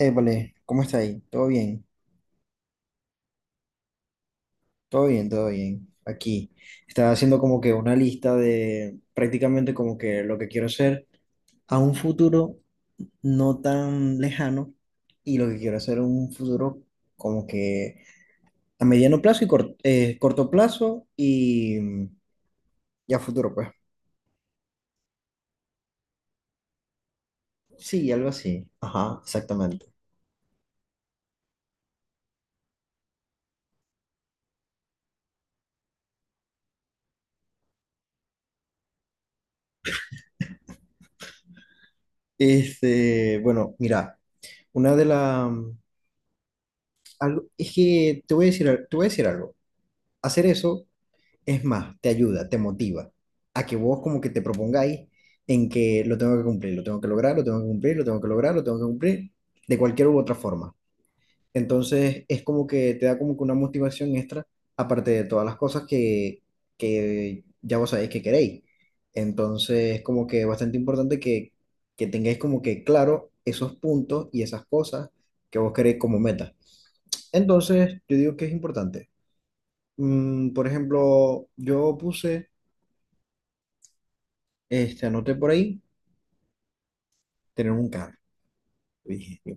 Épale, ¿cómo está ahí? ¿Todo bien? Todo bien, todo bien. Aquí. Estaba haciendo como que una lista de prácticamente como que lo que quiero hacer a un futuro no tan lejano y lo que quiero hacer a un futuro como que a mediano plazo y corto plazo y y a futuro, pues. Sí, algo así. Ajá, exactamente. Este, bueno, mira, una de las... Algo, es que te voy a decir, te voy a decir algo. Hacer eso es más, te ayuda, te motiva a que vos como que te propongáis en que lo tengo que cumplir, lo tengo que lograr, lo tengo que cumplir, lo tengo que lograr, lo tengo que cumplir, de cualquier u otra forma. Entonces es como que te da como que una motivación extra, aparte de todas las cosas que ya vos sabéis que queréis. Entonces es como que bastante importante que tengáis como que claro esos puntos y esas cosas que vos queréis como meta. Entonces yo digo que es importante. Por ejemplo, yo puse este, anoté por ahí, tener un carro, dije yo,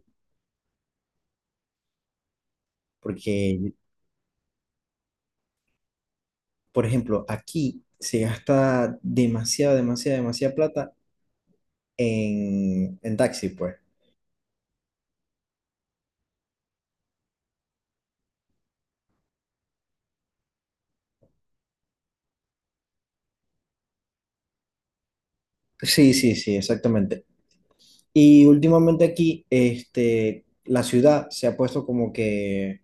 porque, por ejemplo, aquí se gasta demasiada, demasiada, demasiada plata en taxi, pues. Sí, sí, sí, exactamente. Y últimamente aquí, este, la ciudad se ha puesto como que,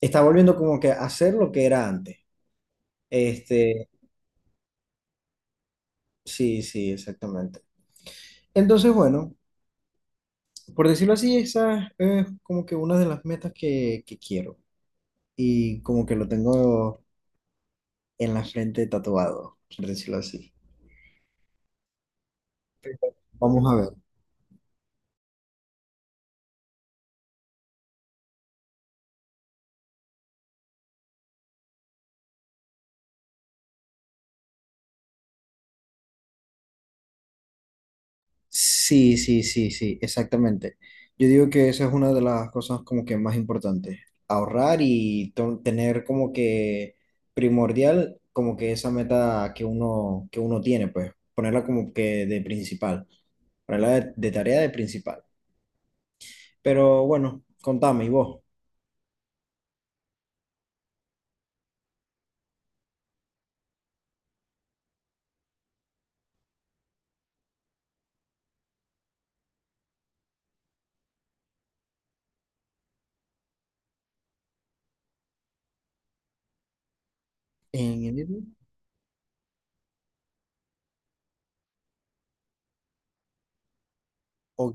está volviendo como que a hacer lo que era antes. Este, sí, sí, exactamente. Entonces, bueno, por decirlo así, esa es como que una de las metas que quiero. Y como que lo tengo en la frente tatuado, por decirlo así. Vamos a ver. Sí, sí, sí, sí, exactamente. Yo digo que esa es una de las cosas como que más importantes. Ahorrar y tener como que primordial, como que esa meta que uno tiene, pues ponerla como que de principal, ponerla de tarea de principal. Pero bueno, contame, ¿y vos? ¿En enero? Ok,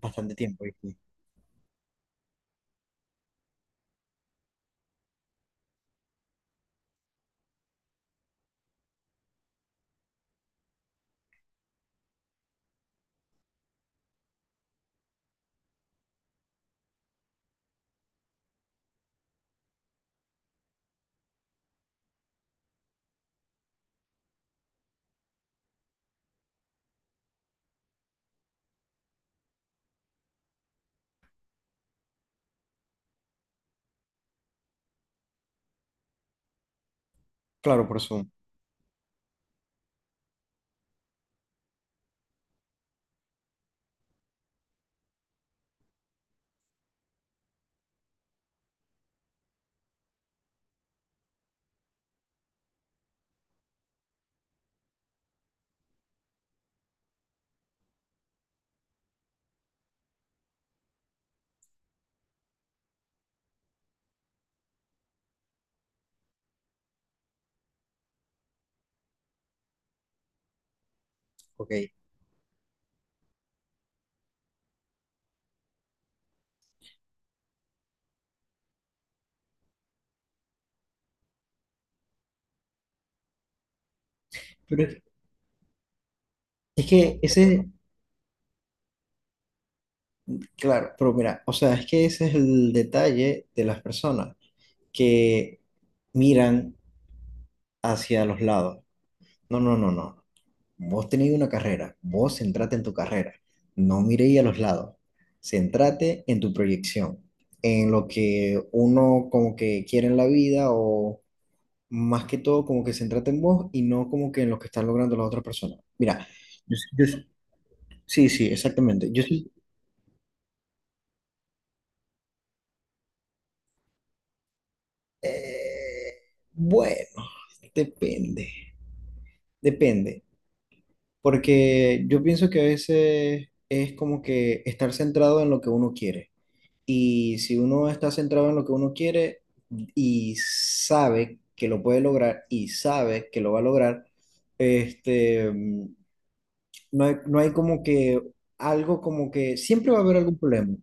bastante tiempo. ¿Viste? Claro, por Zoom. Ok. Pero es es que ese, claro, pero mira, o sea, es que ese es el detalle de las personas que miran hacia los lados. No, no, no, no. Vos tenéis una carrera, vos centrate en tu carrera. No miréis a los lados. Centrate en tu proyección, en lo que uno como que quiere en la vida o más que todo como que centrate en vos y no como que en lo que están logrando las otras personas. Mira, yo, yo- sí, sí, exactamente. Yo soy... bueno, depende. Depende, porque yo pienso que a veces es como que estar centrado en lo que uno quiere. Y si uno está centrado en lo que uno quiere y sabe que lo puede lograr y sabe que lo va a lograr, este, mm, no hay, no hay como que algo como que siempre va a haber algún problema.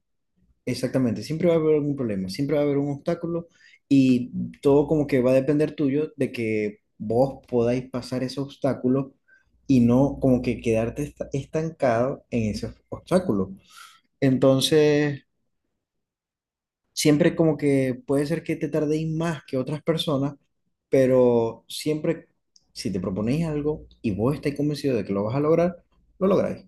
Exactamente, siempre va a haber algún problema, siempre va a haber un obstáculo y todo como que va a depender tuyo de que vos podáis pasar ese obstáculo y no como que quedarte estancado en ese obstáculo. Entonces, siempre como que puede ser que te tardéis más que otras personas, pero siempre si te proponéis algo y vos estáis convencido de que lo vas a lograr, lo lográis.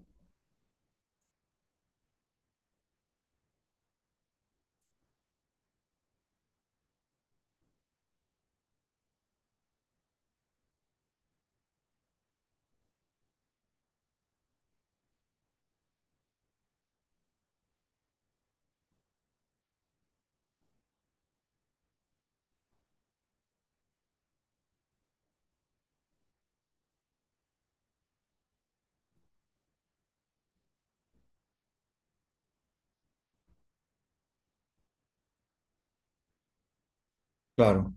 Claro,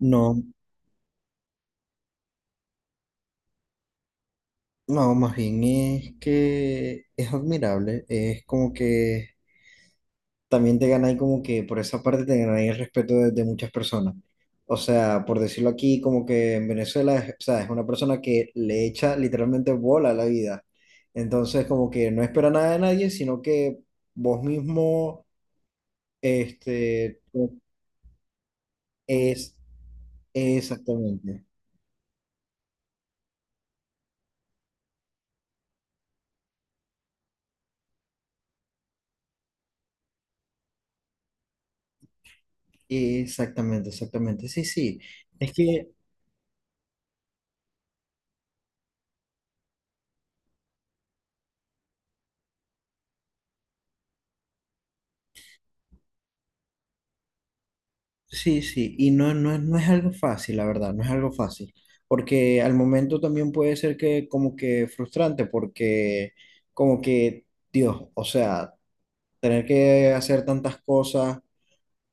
no. No, más bien es que es admirable, es como que también te ganáis como que por esa parte te ganáis el respeto de muchas personas. O sea, por decirlo aquí, como que en Venezuela, o sea, es una persona que le echa literalmente bola a la vida. Entonces, como que no espera nada de nadie, sino que vos mismo, este, es exactamente, exactamente, exactamente, sí, sí. Es que Sí, sí, y no, no, no es algo fácil, la verdad, no es algo fácil, porque al momento también puede ser que como que frustrante, porque como que, Dios, o sea, tener que hacer tantas cosas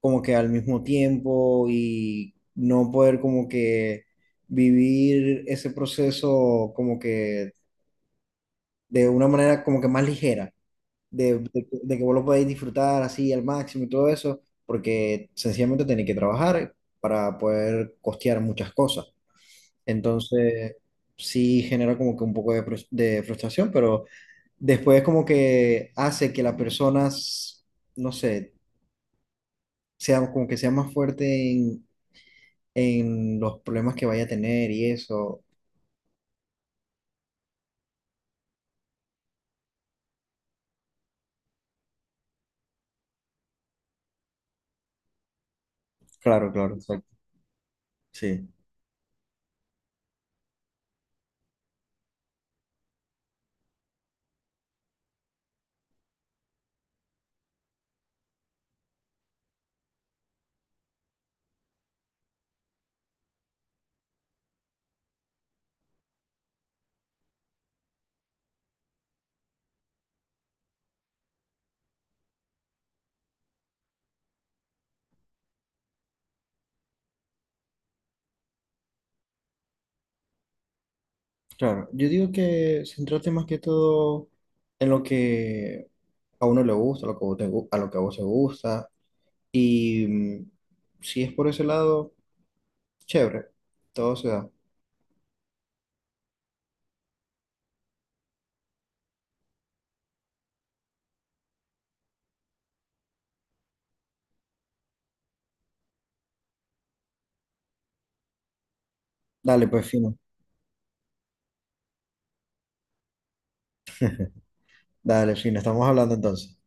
como que al mismo tiempo y no poder como que vivir ese proceso como que de una manera como que más ligera de que vos lo podéis disfrutar así al máximo y todo eso, porque sencillamente tenéis que trabajar para poder costear muchas cosas. Entonces, sí genera como que un poco de, de frustración, pero después como que hace que las personas, no sé, sea como que sea más fuerte en los problemas que vaya a tener y eso. Claro, claro, exacto. Sí, claro. Yo digo que centrarte más que todo en lo que a uno le gusta, a lo que a vos a lo que a vos te gusta. Y si es por ese lado, chévere, todo se da. Dale, pues fino, dale, fino, estamos hablando entonces.